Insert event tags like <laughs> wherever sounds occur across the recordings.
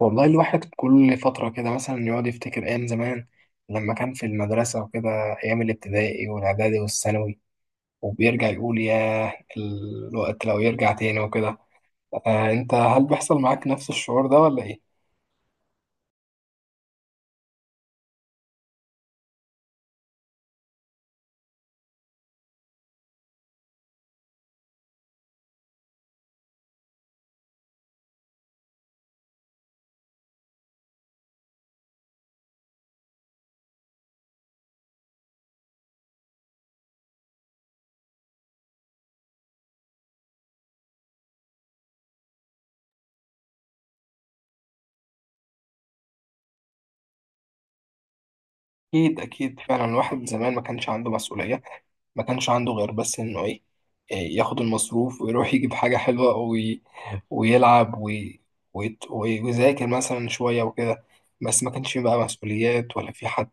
والله الواحد كل فترة كده مثلا يقعد يفتكر أيام زمان لما كان في المدرسة وكده، أيام الابتدائي والإعدادي والثانوي. وبيرجع يقول ياه الوقت لو يرجع تاني وكده. آه، أنت هل بيحصل معاك نفس الشعور ده ولا إيه؟ أكيد أكيد، فعلا الواحد زمان ما كانش عنده مسؤولية. ما كانش عنده غير بس إنه إيه، إيه، ياخد المصروف ويروح يجيب حاجة حلوة ويلعب ويذاكر مثلا شوية وكده. بس ما كانش فيه بقى مسؤوليات ولا في حد،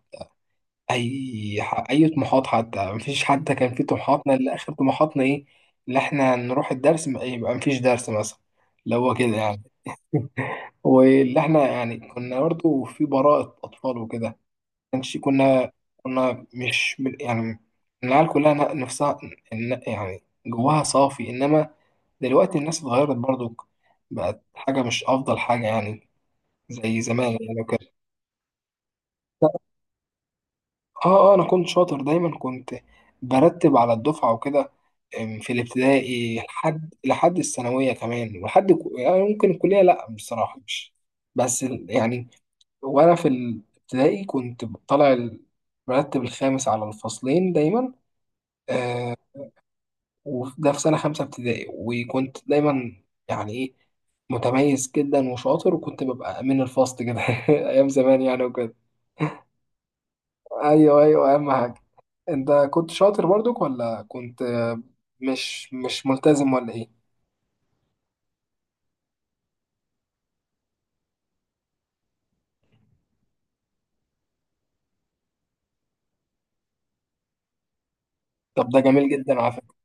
اي طموحات. حتى مفيش، حتى كان في طموحاتنا، اللي اخر طموحاتنا ايه؟ اللي احنا نروح يبقى مفيش درس مثلا، اللي هو كده يعني. واللي احنا يعني كنا برضه في براءة اطفال وكده. كنا، كنا مش يعني، العيال كلها نفسها، يعني جواها صافي. انما دلوقتي الناس اتغيرت برضه، بقت حاجة مش افضل حاجة يعني زي زمان يعني وكده. اه، انا كنت شاطر دايما، كنت برتب على الدفعة وكده، في الابتدائي لحد الثانوية كمان، يعني ممكن الكلية، لأ بصراحة مش، بس يعني. وأنا في الابتدائي كنت طالع المرتب الخامس على الفصلين دايما، آه، وده في سنة خمسة ابتدائي. وكنت دايما يعني إيه، متميز جدا وشاطر، وكنت ببقى أمين الفصل كده <laughs> أيام زمان يعني وكده. أيوه أيوه، أهم حاجة. أنت كنت شاطر برضك ولا كنت مش ملتزم ولا إيه؟ طب ده جميل جدا على فكرة.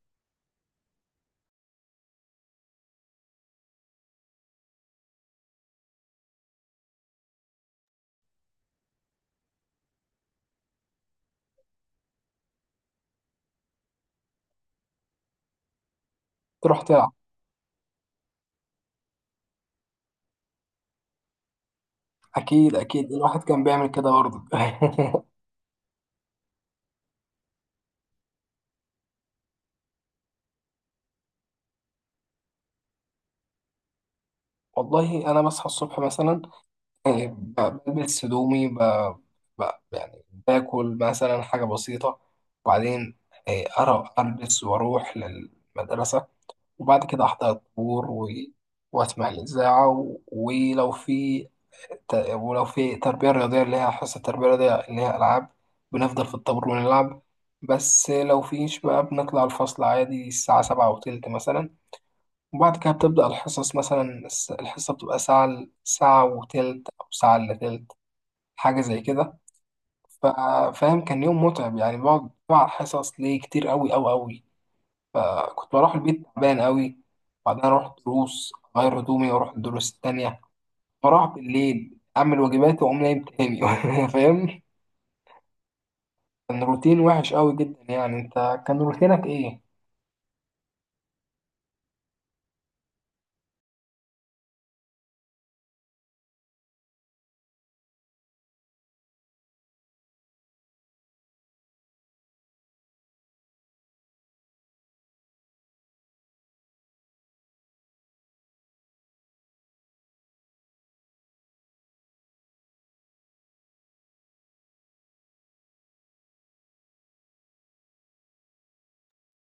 تروح تلعب. اكيد اكيد، الواحد كان بيعمل كده برضه. <laughs> والله انا بصحى الصبح مثلا، آه، بلبس هدومي، ب... يعني باكل مثلا حاجه بسيطه. وبعدين آه، أرى البس واروح للمدرسه، وبعد كده احضر الطابور و... واسمع الاذاعه، و... ولو في ولو في تربية رياضية، اللي هي حصة تربية رياضية اللي هي ألعاب، بنفضل في الطابور ونلعب. بس لو فيش بقى بنطلع الفصل عادي الساعة سبعة وتلت مثلا، وبعد كده بتبدأ الحصص مثلا، الحصة بتبقى ساعة، ساعة وتلت أو ساعة إلا تلت، حاجة زي كده. ف- فاهم، كان يوم متعب، يعني بقعد بقى على الحصص ليه كتير أوي أوي أوي. فكنت بروح البيت تعبان أوي، بعدين أروح دروس أغير هدومي وأروح الدروس التانية، بروح بالليل أعمل واجباتي وأقوم نايم تاني. <laughs> فاهم، كان روتين وحش أوي جدا يعني. أنت كان روتينك إيه؟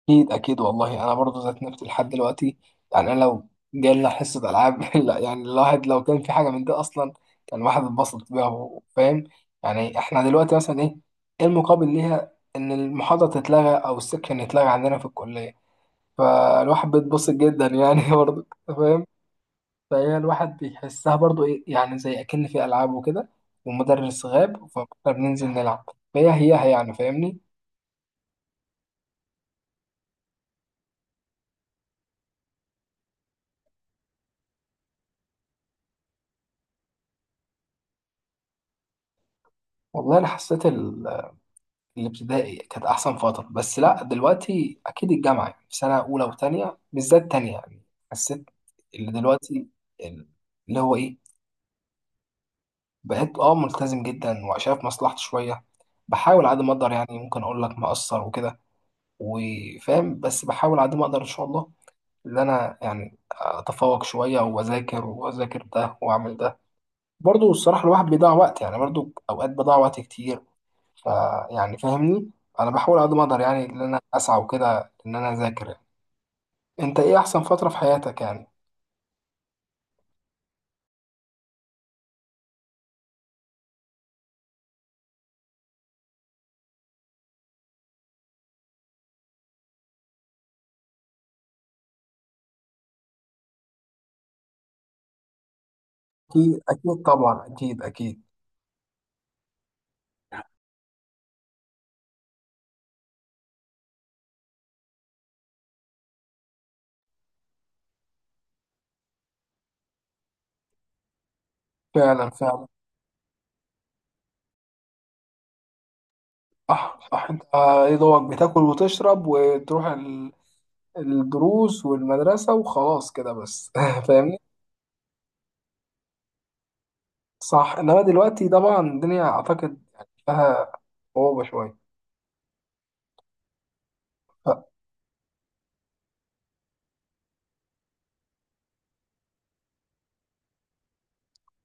اكيد اكيد، والله انا برضه ذات نفسي لحد دلوقتي يعني، انا لو جالنا حصه العاب <laughs> لا يعني الواحد لو كان في حاجه من دي اصلا، كان الواحد اتبسط بيها فاهم. يعني احنا دلوقتي مثلا ايه، إيه المقابل ليها؟ ان المحاضره تتلغى او السكشن يتلغى عندنا في الكليه، فالواحد بيتبسط جدا يعني <laughs> برضه فاهم. فهي الواحد بيحسها برضه ايه يعني، زي اكن في العاب وكده والمدرس غاب، فبننزل نلعب، فهي هي هي يعني، فاهمني. والله انا حسيت الابتدائي كانت احسن فتره. بس لا، دلوقتي اكيد الجامعه يعني، في سنه اولى وثانيه بالذات، تانية يعني. حسيت اللي دلوقتي، اللي هو ايه، بقيت اه ملتزم جدا وشايف مصلحتي شويه. بحاول على قد ما اقدر يعني، ممكن اقول لك مقصر وكده وفاهم، بس بحاول على قد ما اقدر ان شاء الله ان انا يعني اتفوق شويه واذاكر، واذاكر ده واعمل ده. برضو الصراحه الواحد بيضيع وقت يعني، برضو اوقات بضيع وقت كتير. فيعني فاهمني، انا بحاول على قد ما اقدر يعني، ان انا اسعى وكده، ان انا اذاكر يعني. انت ايه احسن فتره في حياتك يعني؟ اكيد اكيد طبعا، اكيد اكيد. فعلا فعلا. صح صح. انت ايه، دوبك بتاكل وتشرب وتروح الدروس والمدرسه، وخلاص كده بس. <laughs> فاهمني. صح، انما دلوقتي طبعا الدنيا اعتقد يعني فيها صعوبه شويه. ف-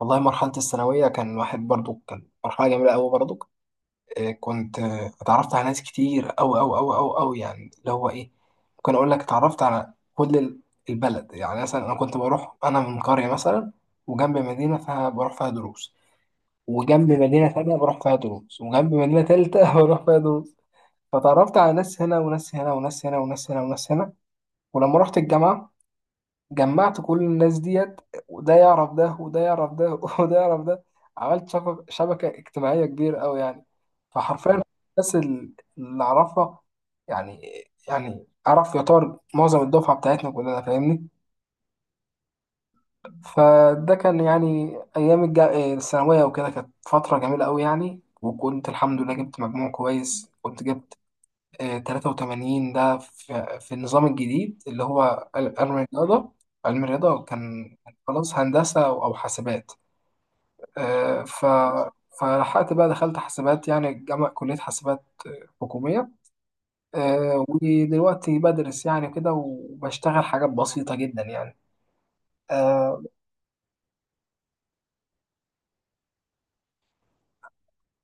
والله مرحله الثانويه كان واحد برضو، كان مرحله جميله قوي برضو. آه، كنت آه، اتعرفت على ناس كتير أوي أوي أوي أوي أوي يعني، اللي هو إيه، ممكن أقول لك اتعرفت على كل البلد يعني. مثلا أنا كنت بروح، أنا من قرية مثلا، وجنب مدينة فيها بروح فيها دروس، وجنب مدينة تانية بروح فيها دروس، وجنب مدينة تالتة <laughs> بروح فيها دروس. فتعرفت على ناس هنا وناس هنا وناس هنا وناس هنا وناس هنا. ولما رحت الجامعة جمعت كل الناس ديت، وده يعرف ده وده يعرف ده <laughs> وده يعرف ده. عملت شبكة اجتماعية كبيرة أوي يعني، فحرفيا الناس اللي أعرفها يعني، يعني أعرف يعتبر معظم الدفعة بتاعتنا كلنا، فاهمني. فده كان يعني أيام الثانوية وكده، كانت فترة جميلة أوي يعني. وكنت الحمد لله جبت مجموع كويس، كنت جبت آه، 83. ده في النظام الجديد اللي هو علم الرياضة. علم الرياضة كان خلاص هندسة أو حاسبات. آه، ف فلحقت بقى دخلت حاسبات يعني، جامعة كلية حاسبات آه، حكومية. آه، ودلوقتي بدرس يعني كده وبشتغل حاجات بسيطة جدا يعني. آه،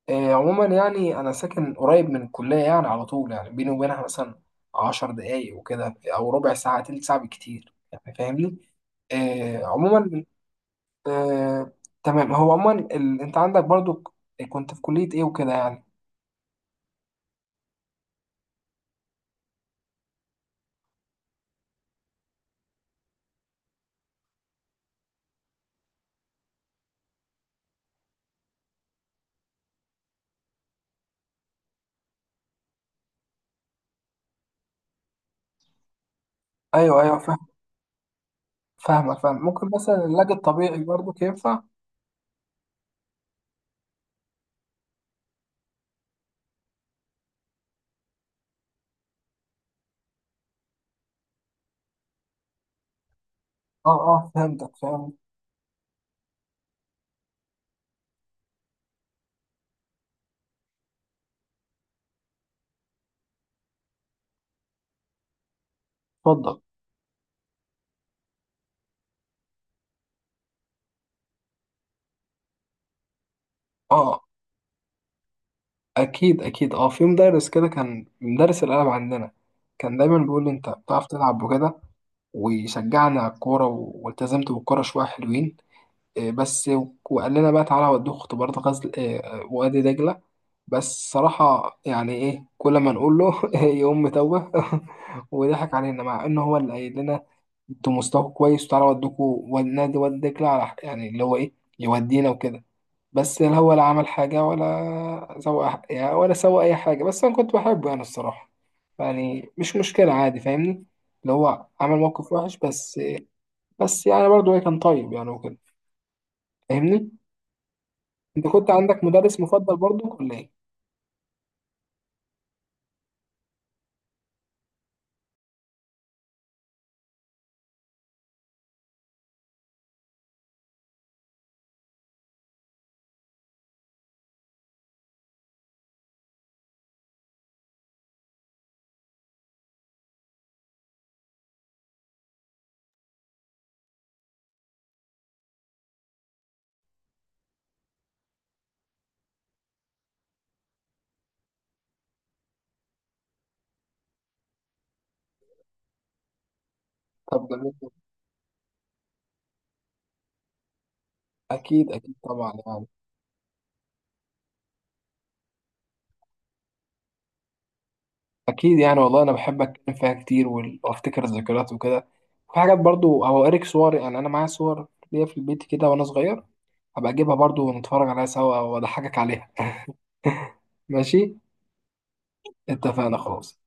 آه، عموما يعني أنا ساكن قريب من الكلية يعني، على طول يعني بيني وبينها مثلا عشر دقايق وكده، أو ربع ساعة، تلت ساعة بالكتير يعني، فاهمني؟ آه، عموما آه، تمام. هو عموما ال... انت عندك برضو كنت في كلية ايه وكده يعني؟ ايوه ايوه فاهم. فاهمة، فاهم، ممكن مثلا العلاج الطبيعي برضو ينفع. اه اه فهمتك، فاهم. اتفضل. اه اكيد اكيد، اه في مدرس كده كان مدرس الالعاب عندنا، كان دايما بيقول لي انت بتعرف تلعب وكده، ويشجعني على الكورة والتزمت بالكورة شوية حلوين آه، بس. وقال لنا بقى تعالى اوديك اختبارات غزل آه، آه، وادي دجلة. بس صراحة يعني إيه، كل ما نقول له <laughs> يقوم متوه. <laughs> وضحك علينا، مع إن هو اللي قايل لنا أنتوا مستواكم كويس، وتعالى أودوكوا والنادي ودي دجلة على يعني اللي هو إيه، يودينا وكده. بس لا، هو لا عمل حاجة ولا سوى يعني ولا سوى أي حاجة. بس أنا كنت بحبه يعني، الصراحة يعني مش مشكلة، عادي فاهمني. اللي هو عمل موقف وحش، بس بس يعني برضه إيه، كان طيب يعني وكده، فاهمني. أنت كنت عندك مدرس مفضل برضه ولا إيه؟ طب جميل. أكيد أكيد طبعا يعني. اكيد يعني، والله انا بحب اتكلم فيها كتير، وافتكر الذكريات وكده. في حاجات برضو او اوريك صور يعني، انا معايا صور ليا في البيت كده وانا صغير، هبقى اجيبها برضو ونتفرج عليها سوا، واضحكك عليها. <laughs> ماشي. اتفقنا خلاص.